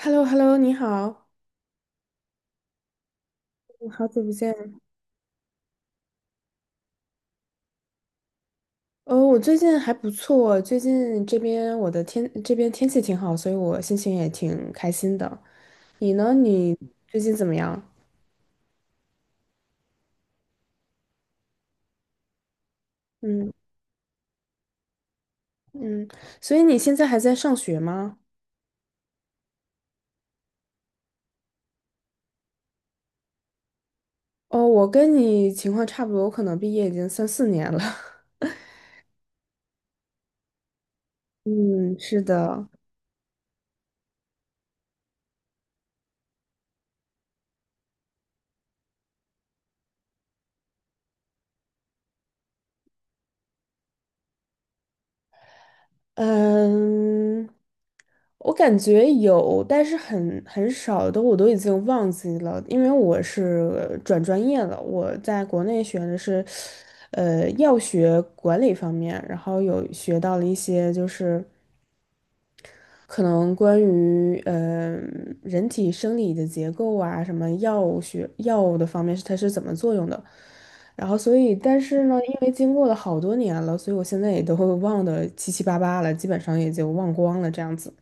h e l l o h e l l o 你好，我好久不见。哦，我最近还不错，最近这边我的天，这边天气挺好，所以我心情也挺开心的。你呢？你最近怎么样？嗯嗯，所以你现在还在上学吗？哦，我跟你情况差不多，我可能毕业已经三四年了。嗯，是的。嗯，我感觉有，但是很少的，我都已经忘记了，因为我是转专业了。我在国内学的是，药学管理方面，然后有学到了一些就是。可能关于人体生理的结构啊，什么药学药物的方面是它是怎么作用的。然后所以，但是呢，因为经过了好多年了，所以我现在也都会忘得七七八八了，基本上也就忘光了这样子。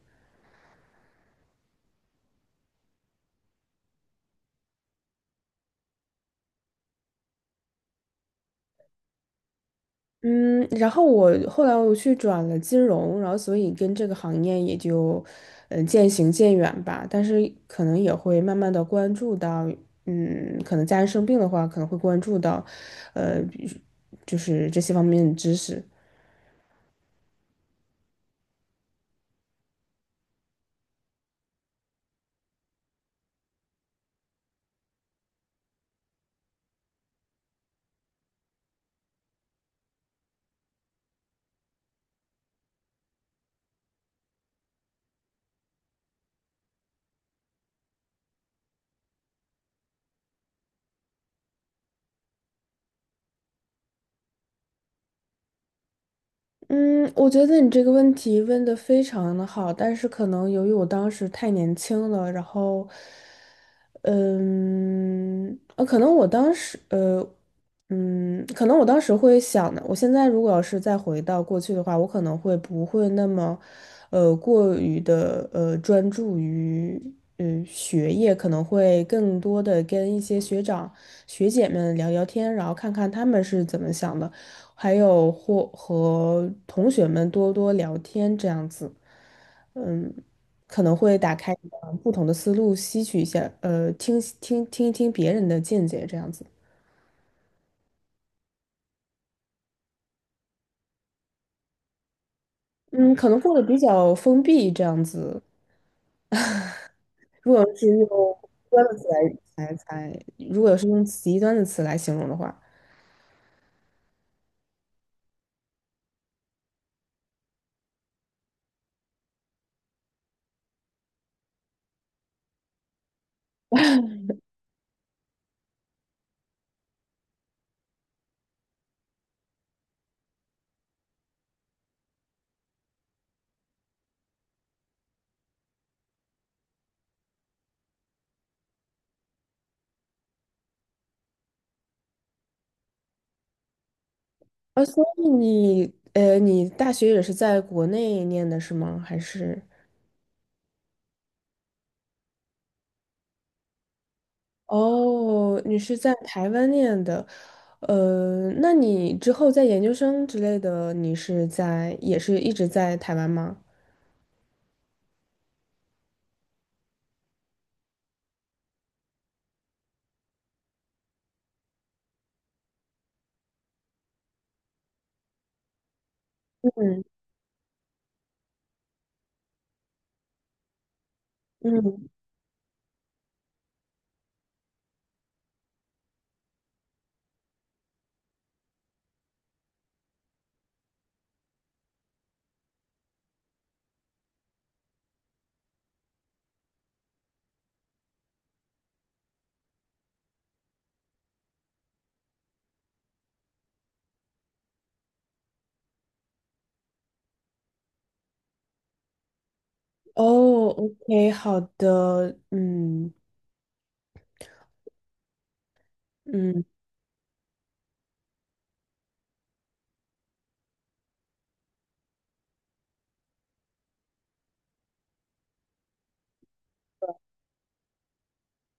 嗯，然后我后来去转了金融，然后所以跟这个行业也就，嗯，渐行渐远吧。但是可能也会慢慢的关注到，嗯，可能家人生病的话，可能会关注到，呃，比就是这些方面的知识。嗯，我觉得你这个问题问的非常的好，但是可能由于我当时太年轻了，然后，可能我当时，可能我当时会想的，我现在如果要是再回到过去的话，我可能会不会那么，过于的专注于学业，可能会更多的跟一些学长学姐们聊聊天，然后看看他们是怎么想的。还有或和同学们多多聊天这样子，可能会打开你的不同的思路，吸取一下，听一听别人的见解这样子。嗯，可能过得比较封闭这样子。如果是用极端的词来来来，如果是用极端的词来形容的话，啊，所以你你大学也是在国内念的是吗？还是？哦，你是在台湾念的，那你之后在研究生之类的，你是也是一直在台湾吗？嗯，哦，OK，好的，嗯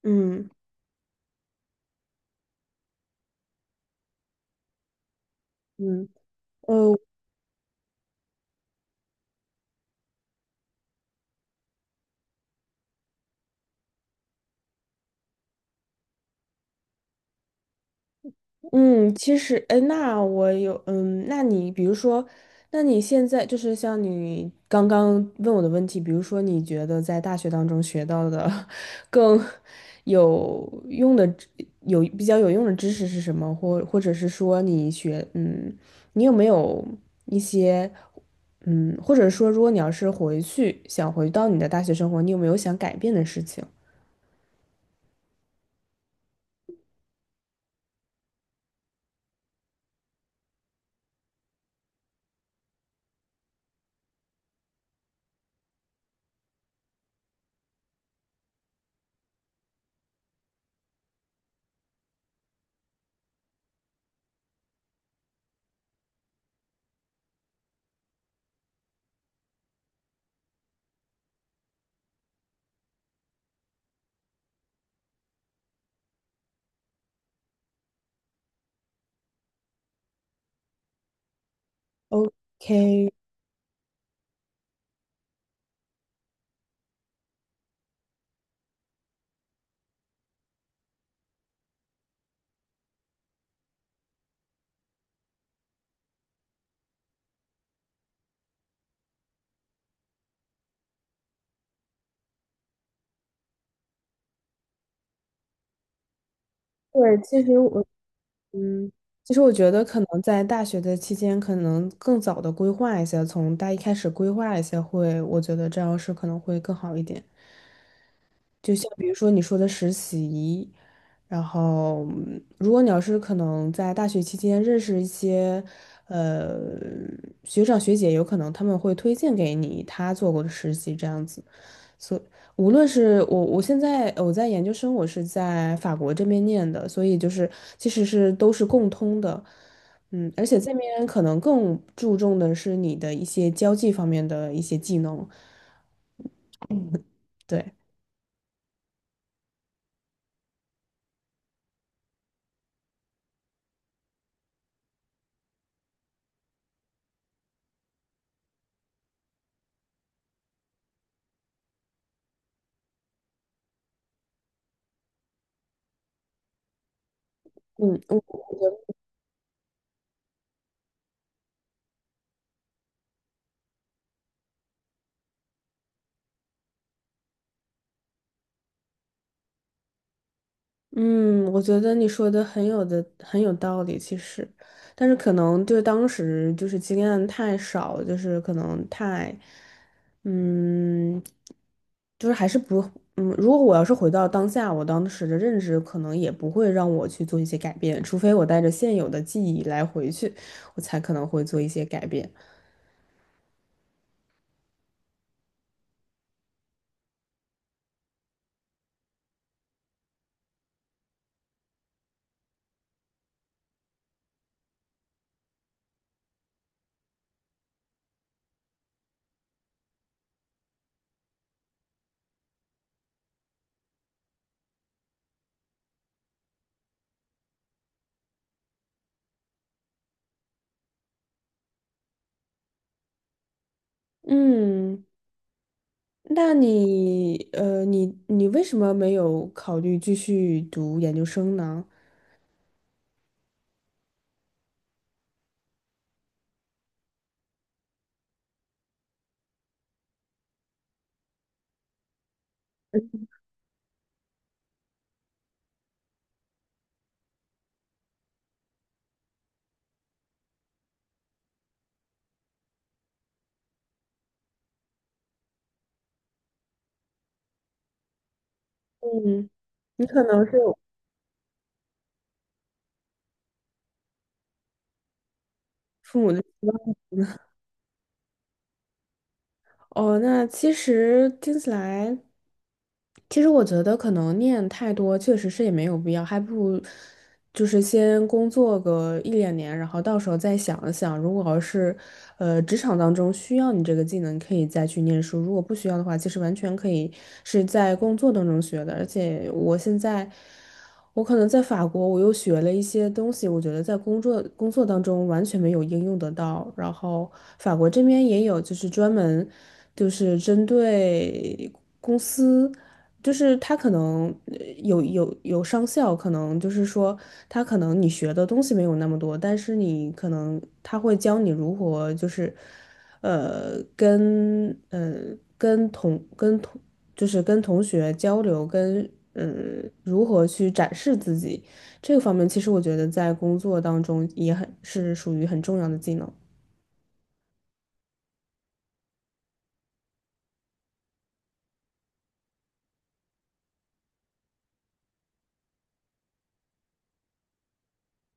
嗯嗯，呃，嗯，其实，哎，那我有，嗯，那你比如说，那你现在就是像你刚刚问我的问题，比如说你觉得在大学当中学到的 更有用的知有比较有用的知识是什么？或者是说你学，嗯，你有没有一些，嗯，或者说如果你要是回去想回到你的大学生活，你有没有想改变的事情？OK，对，嗯，其实我觉得可能在大学的期间，可能更早的规划一些，从大一开始规划一些会，我觉得这样是可能会更好一点。就像比如说你说的实习，然后嗯如果你要是可能在大学期间认识一些呃学长学姐，有可能他们会推荐给你他做过的实习这样子。所无论是我，我现在我在研究生，我是在法国这边念的，所以就是其实是都是共通的，嗯，而且这边可能更注重的是你的一些交际方面的一些技能，对，嗯，嗯，我觉得你说的很有道理，其实，但是可能就是当时就是经验太少，就是可能太，嗯，就是还是不，嗯，如果我要是回到当下，我当时的认知可能也不会让我去做一些改变，除非我带着现有的记忆来回去，我才可能会做一些改变。嗯，那你，你为什么没有考虑继续读研究生呢？嗯，你可能是有父母的期望哦。那其实听起来，其实我觉得可能念太多确实是也没有必要，还不如就是先工作个一两年，然后到时候再想一想，如果要是职场当中需要你这个技能，可以再去念书；如果不需要的话，其实完全可以是在工作当中学的。而且我现在。我可能在法国，我又学了一些东西，我觉得在工作当中完全没有应用得到。然后法国这边也有，就是专门就是针对公司，就是他可能有上校，可能就是说他可能你学的东西没有那么多，但是你可能他会教你如何就是。呃，跟嗯，跟同跟同就是跟同学交流，跟嗯如何去展示自己这个方面，其实我觉得在工作当中也很是属于很重要的技能。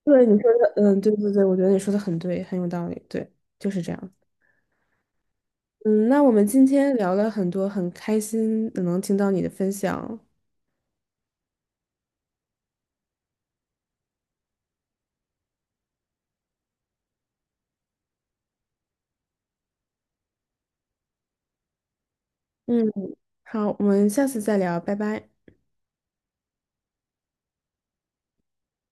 对你说的，嗯，对对对，我觉得你说的很对，很有道理，对，就是这样。嗯，那我们今天聊了很多，很开心能听到你的分享。嗯，好，我们下次再聊，拜拜。